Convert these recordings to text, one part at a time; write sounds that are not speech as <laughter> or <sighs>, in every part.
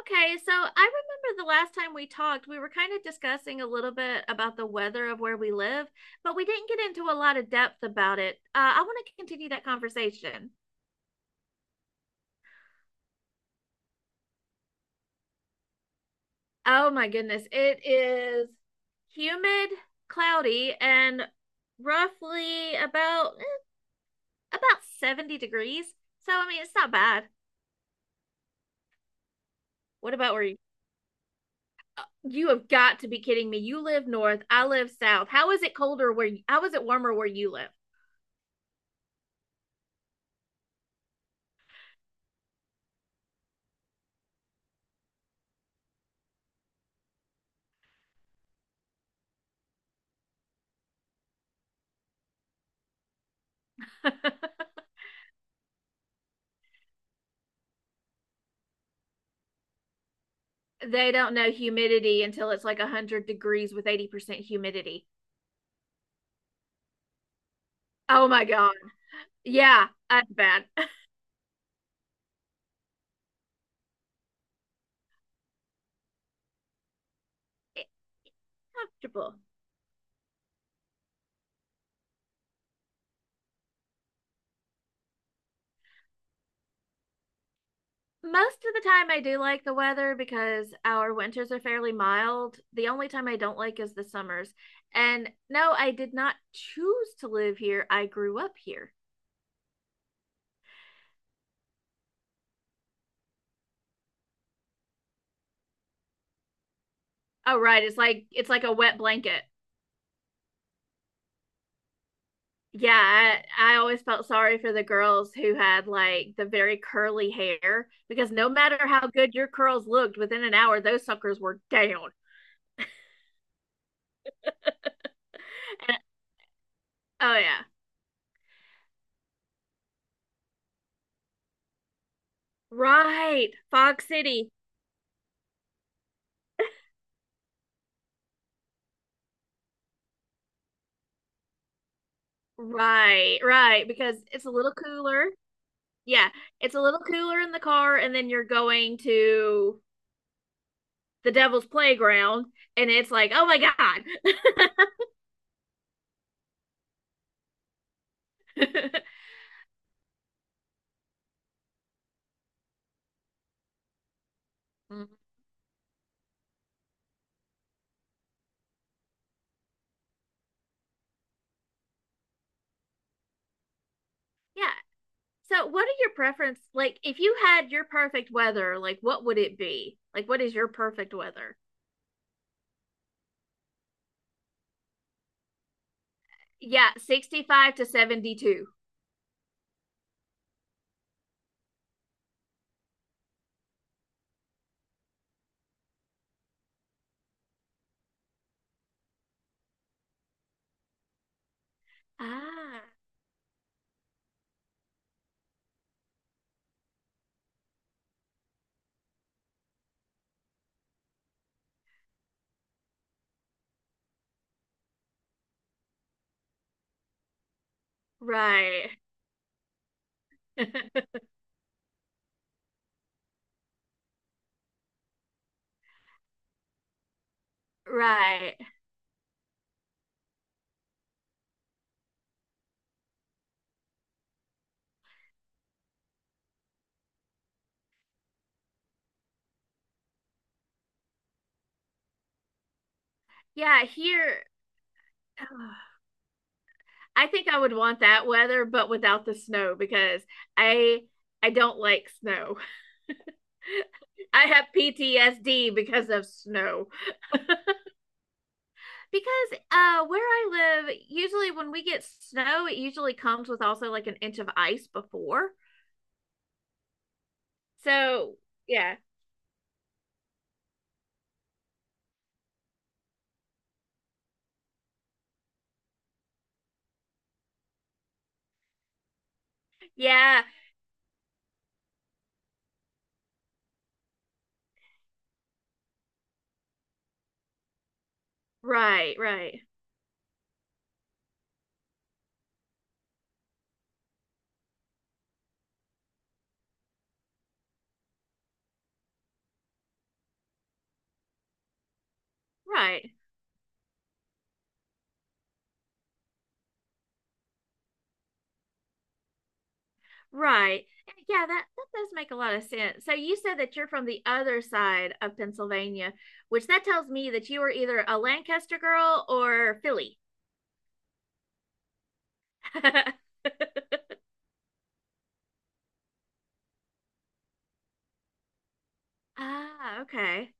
Okay, so I remember the last time we talked, we were kind of discussing a little bit about the weather of where we live, but we didn't get into a lot of depth about it. I want to continue that conversation. Oh my goodness, it is humid, cloudy, and roughly about about 70 degrees. So I mean, it's not bad. What about where you? You have got to be kidding me. You live north, I live south. How is it colder where you, how Is it warmer where you live? <laughs> They don't know humidity until it's like 100 degrees with 80% humidity. Oh my God. Yeah, that's bad. <laughs> It's comfortable. Most of the time, I do like the weather because our winters are fairly mild. The only time I don't like is the summers. And no, I did not choose to live here. I grew up here. Oh, right. It's like a wet blanket. Yeah, I always felt sorry for the girls who had like the very curly hair because no matter how good your curls looked, within an hour those suckers were down. And, oh yeah. Right. Fog City. Right, right, because it's a little cooler. Yeah, it's a little cooler in the car and then you're going to the Devil's Playground and it's like, "Oh my God." <laughs> Yeah. So, what are your preference? Like, if you had your perfect weather, like, what would it be? Like, what is your perfect weather? Yeah, 65 to 72. Ah, right. <laughs> Right. Yeah, here, <sighs> I think I would want that weather, but without the snow because I I don't like snow. <laughs> I have PTSD because of snow. Because where I live, usually when we get snow, it usually comes with also like an inch of ice before. So, yeah. Yeah, right, right. Right. Right. Yeah, that that does make a lot of sense. So you said that you're from the other side of Pennsylvania, which that tells me that you are either a Lancaster girl or Philly. <laughs> Ah, okay.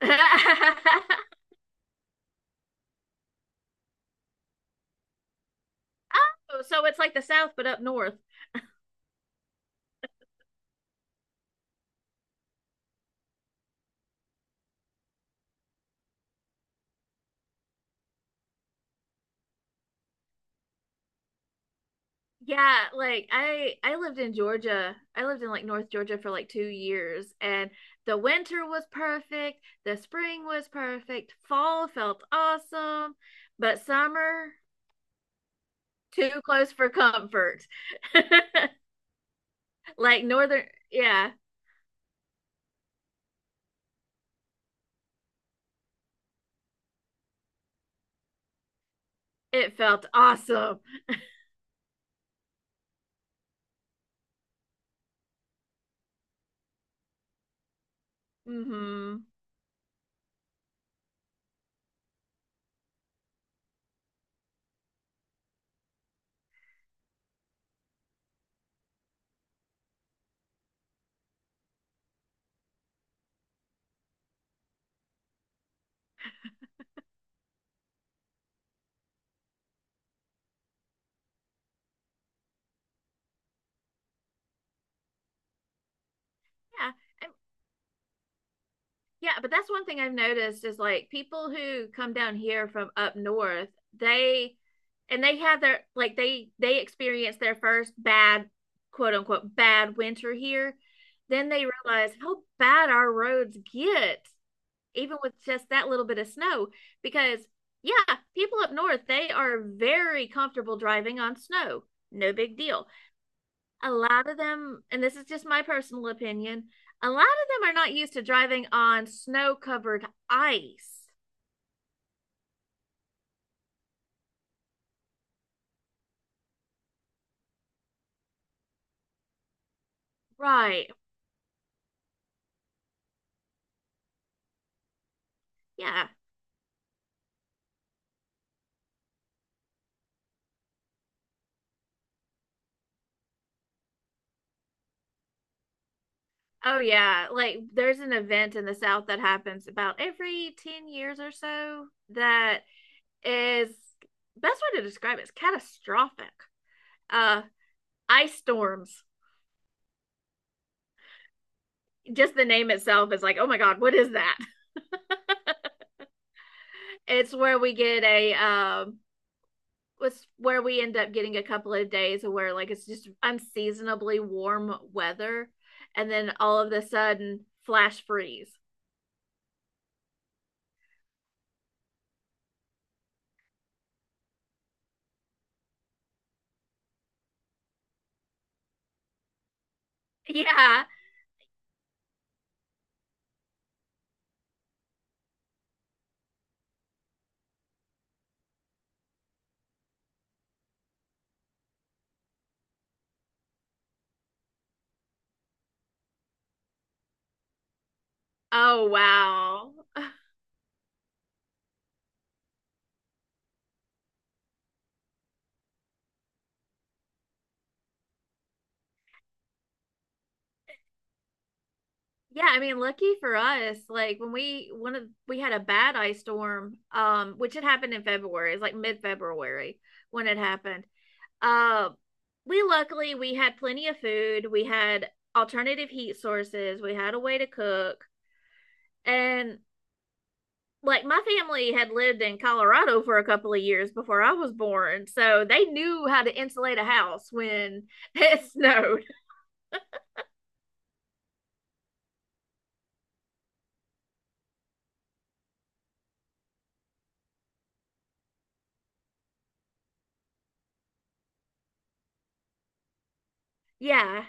<laughs> Oh, so it's like the South but up north. Yeah, like I lived in Georgia. I lived in like North Georgia for like 2 years and the winter was perfect, the spring was perfect, fall felt awesome, but summer too close for comfort. <laughs> Like northern, yeah, it felt awesome. Mhm. Yeah. and- Yeah, but that's one thing I've noticed is like people who come down here from up north, they and they had their like they experienced their first bad quote unquote bad winter here, then they realized how bad our roads get even with just that little bit of snow, because yeah, people up north, they are very comfortable driving on snow, no big deal, a lot of them, and this is just my personal opinion, a lot of them are not used to driving on snow covered ice. Right. Yeah. Oh yeah, like there's an event in the South that happens about every 10 years or so that is, best way to describe it is catastrophic. Uh Ice storms. Just the name itself is like, "Oh my god, what is that?" <laughs> It's where we get a was where we end up getting a couple of days where like it's just unseasonably warm weather and then all of a sudden flash freeze. <laughs> Yeah. Oh wow. <laughs> Yeah, I mean, lucky for us, like when we one of we had a bad ice storm, which had happened in February, it's like mid-February when it happened. Uh, we luckily, we had plenty of food, we had alternative heat sources, we had a way to cook, and like my family had lived in Colorado for a couple of years before I was born, so they knew how to insulate a house when <laughs> it snowed. Yeah,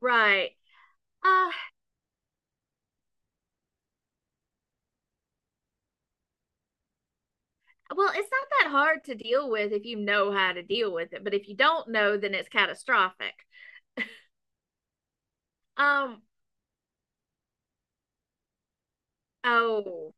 right. Uh, Well, it's not that hard to deal with if you know how to deal with it, but if you don't know, then it's catastrophic. Um, oh,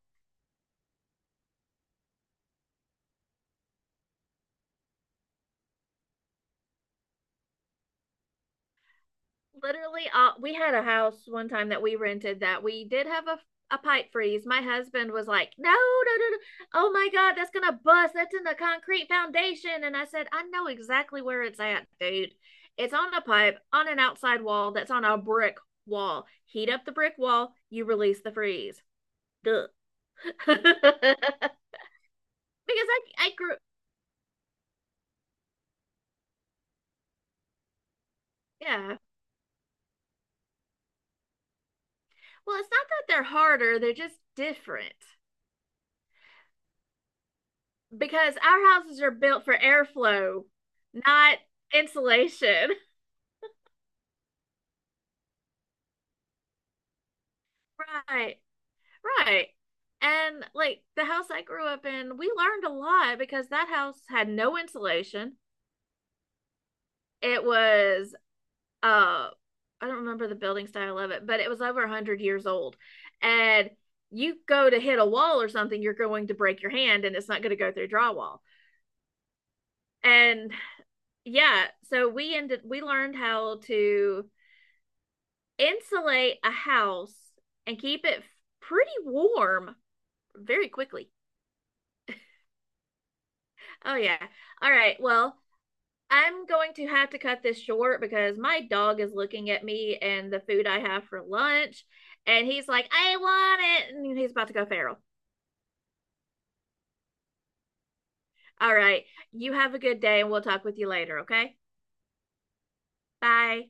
Literally, we had a house one time that we rented that we did have a pipe freeze. My husband was like, "No, no, no, no. Oh my God, that's gonna bust. That's in the concrete foundation." And I said, "I know exactly where it's at, dude. It's on a pipe on an outside wall that's on a brick wall. Heat up the brick wall, you release the freeze." Duh. <laughs> because I grew Yeah. Well, it's not that they're harder, they're just different because our houses are built for airflow, not insulation. <laughs> Right. Right. And like the house I grew up in, we learned a lot because that house had no insulation. It was uh I don't remember the building style of it, but it was over 100 years old. And you go to hit a wall or something, you're going to break your hand and it's not going to go through drywall. And yeah, so we learned how to insulate a house and keep it pretty warm very quickly. Oh yeah. All right. Well, I'm going to have to cut this short because my dog is looking at me and the food I have for lunch and he's like, "I want it." And he's about to go feral. All right. You have a good day and we'll talk with you later, okay? Bye.